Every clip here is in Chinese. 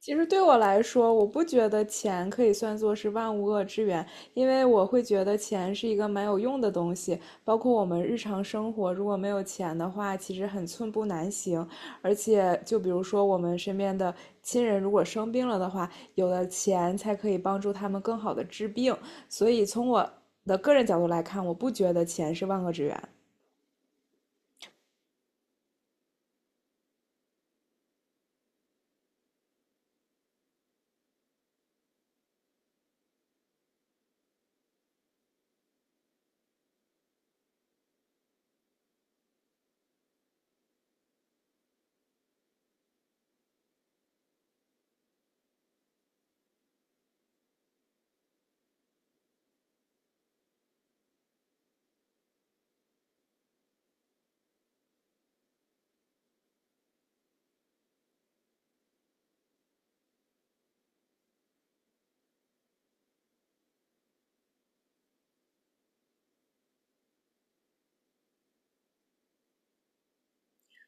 其实对我来说，我不觉得钱可以算作是万物恶之源，因为我会觉得钱是一个蛮有用的东西。包括我们日常生活，如果没有钱的话，其实很寸步难行。而且，就比如说我们身边的亲人如果生病了的话，有了钱才可以帮助他们更好的治病。所以，从我的个人角度来看，我不觉得钱是万恶之源。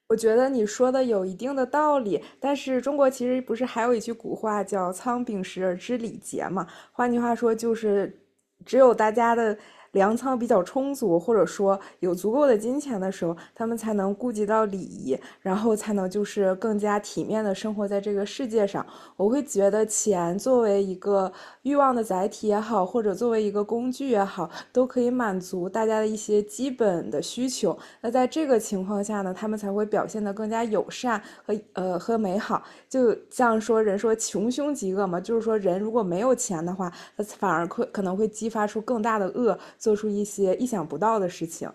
我觉得你说的有一定的道理，但是中国其实不是还有一句古话叫“仓廪实而知礼节”嘛？换句话说，就是只有大家的粮仓比较充足，或者说有足够的金钱的时候，他们才能顾及到礼仪，然后才能就是更加体面的生活在这个世界上。我会觉得钱作为一个欲望的载体也好，或者作为一个工具也好，都可以满足大家的一些基本的需求。那在这个情况下呢，他们才会表现得更加友善和美好。就像说人说穷凶极恶嘛，就是说人如果没有钱的话，他反而可能会激发出更大的恶，做出一些意想不到的事情。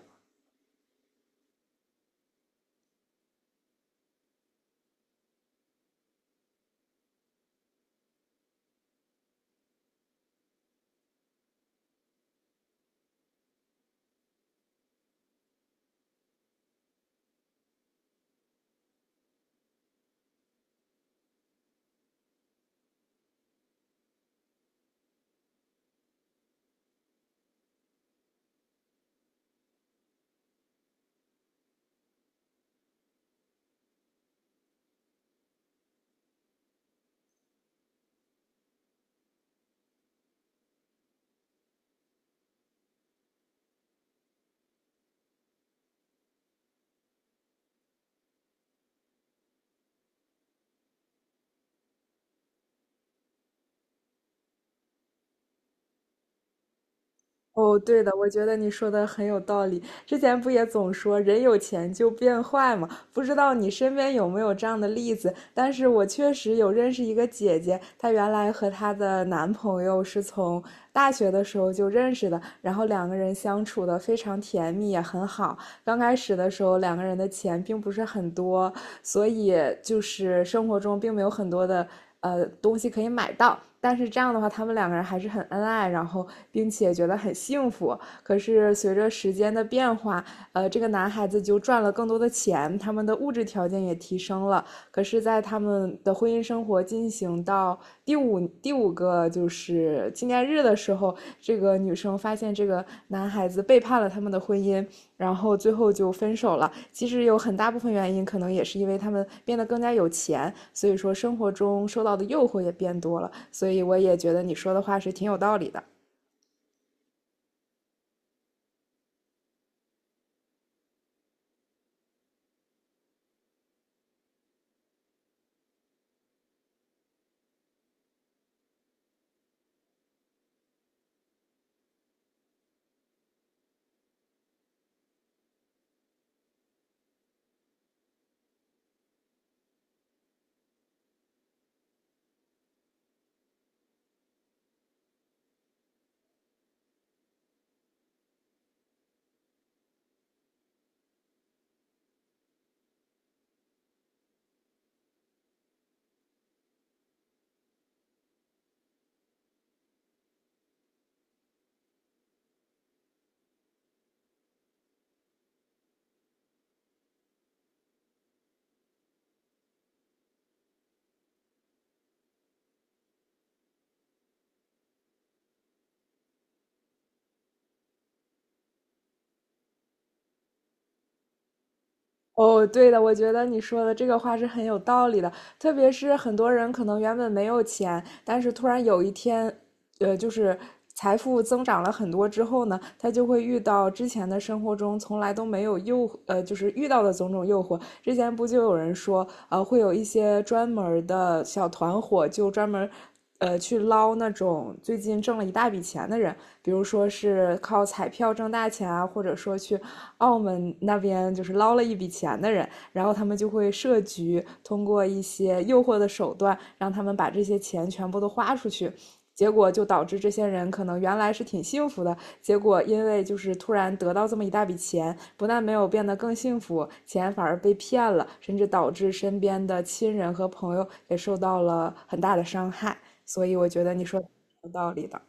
哦，对的，我觉得你说的很有道理。之前不也总说人有钱就变坏嘛？不知道你身边有没有这样的例子？但是我确实有认识一个姐姐，她原来和她的男朋友是从大学的时候就认识的，然后两个人相处的非常甜蜜，也很好。刚开始的时候，两个人的钱并不是很多，所以就是生活中并没有很多的东西可以买到。但是这样的话，他们两个人还是很恩爱，然后并且觉得很幸福。可是随着时间的变化，这个男孩子就赚了更多的钱，他们的物质条件也提升了，可是，在他们的婚姻生活进行到第五个就是纪念日的时候，这个女生发现这个男孩子背叛了他们的婚姻，然后最后就分手了。其实有很大部分原因，可能也是因为他们变得更加有钱，所以说生活中受到的诱惑也变多了。所以我也觉得你说的话是挺有道理的。哦，对的，我觉得你说的这个话是很有道理的，特别是很多人可能原本没有钱，但是突然有一天，就是财富增长了很多之后呢，他就会遇到之前的生活中从来都没有就是遇到的种种诱惑。之前不就有人说，会有一些专门儿的小团伙，就专门。去捞那种最近挣了一大笔钱的人，比如说是靠彩票挣大钱啊，或者说去澳门那边就是捞了一笔钱的人，然后他们就会设局，通过一些诱惑的手段，让他们把这些钱全部都花出去。结果就导致这些人可能原来是挺幸福的，结果因为就是突然得到这么一大笔钱，不但没有变得更幸福，钱反而被骗了，甚至导致身边的亲人和朋友也受到了很大的伤害。所以我觉得你说的有道理的。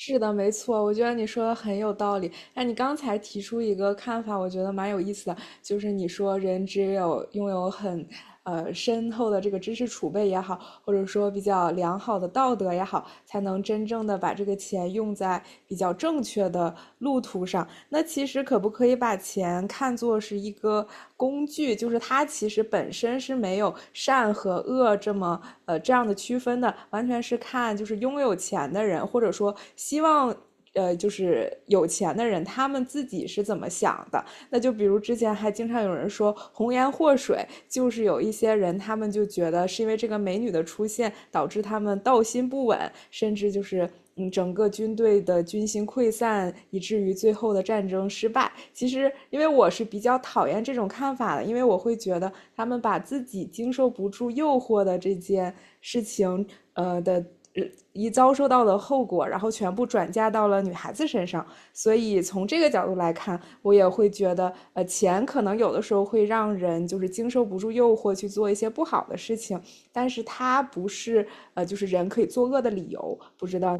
是的，没错，我觉得你说的很有道理。那你刚才提出一个看法，我觉得蛮有意思的，就是你说人只有拥有很深厚的这个知识储备也好，或者说比较良好的道德也好，才能真正的把这个钱用在比较正确的路途上。那其实可不可以把钱看作是一个工具？就是它其实本身是没有善和恶这么这样的区分的，完全是看就是拥有钱的人，或者说希望就是有钱的人，他们自己是怎么想的。那就比如之前还经常有人说红颜祸水，就是有一些人他们就觉得是因为这个美女的出现导致他们道心不稳，甚至就是嗯整个军队的军心溃散，以至于最后的战争失败。其实因为我是比较讨厌这种看法的，因为我会觉得他们把自己经受不住诱惑的这件事情，呃的。呃一遭受到的后果，然后全部转嫁到了女孩子身上，所以从这个角度来看，我也会觉得，钱可能有的时候会让人就是经受不住诱惑去做一些不好的事情，但是它不是就是人可以作恶的理由。不知道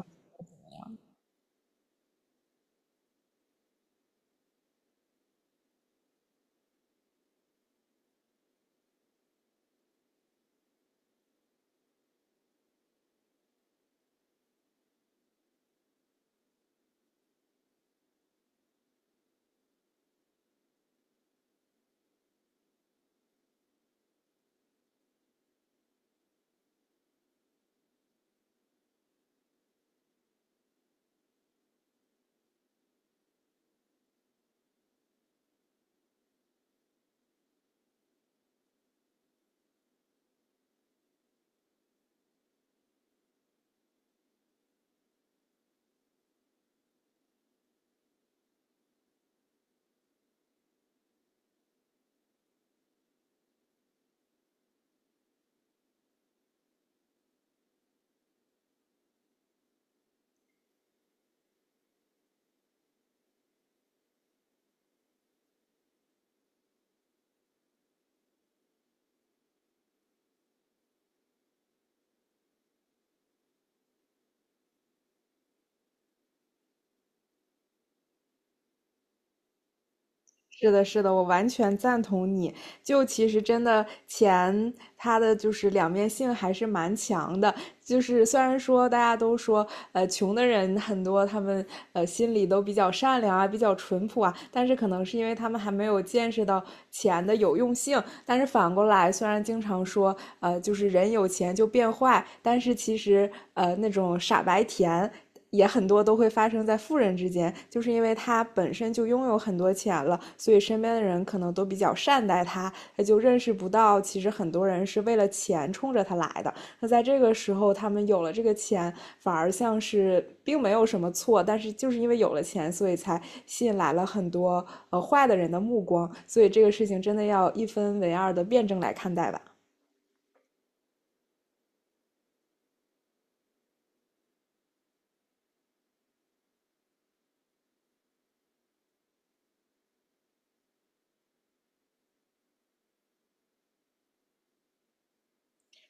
是的，是的，我完全赞同你。就其实真的钱，它的就是两面性还是蛮强的。就是虽然说大家都说，穷的人很多，他们心里都比较善良啊，比较淳朴啊，但是可能是因为他们还没有见识到钱的有用性。但是反过来，虽然经常说，就是人有钱就变坏，但是其实那种傻白甜。也很多都会发生在富人之间，就是因为他本身就拥有很多钱了，所以身边的人可能都比较善待他，他就认识不到，其实很多人是为了钱冲着他来的。那在这个时候，他们有了这个钱，反而像是并没有什么错，但是就是因为有了钱，所以才吸引来了很多坏的人的目光。所以这个事情真的要一分为二的辩证来看待吧。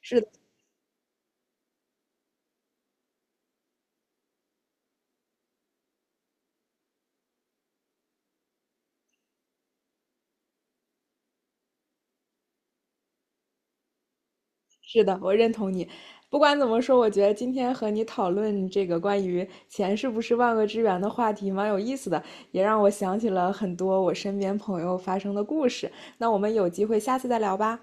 是的是的，我认同你。不管怎么说，我觉得今天和你讨论这个关于钱是不是万恶之源的话题蛮有意思的，也让我想起了很多我身边朋友发生的故事。那我们有机会下次再聊吧。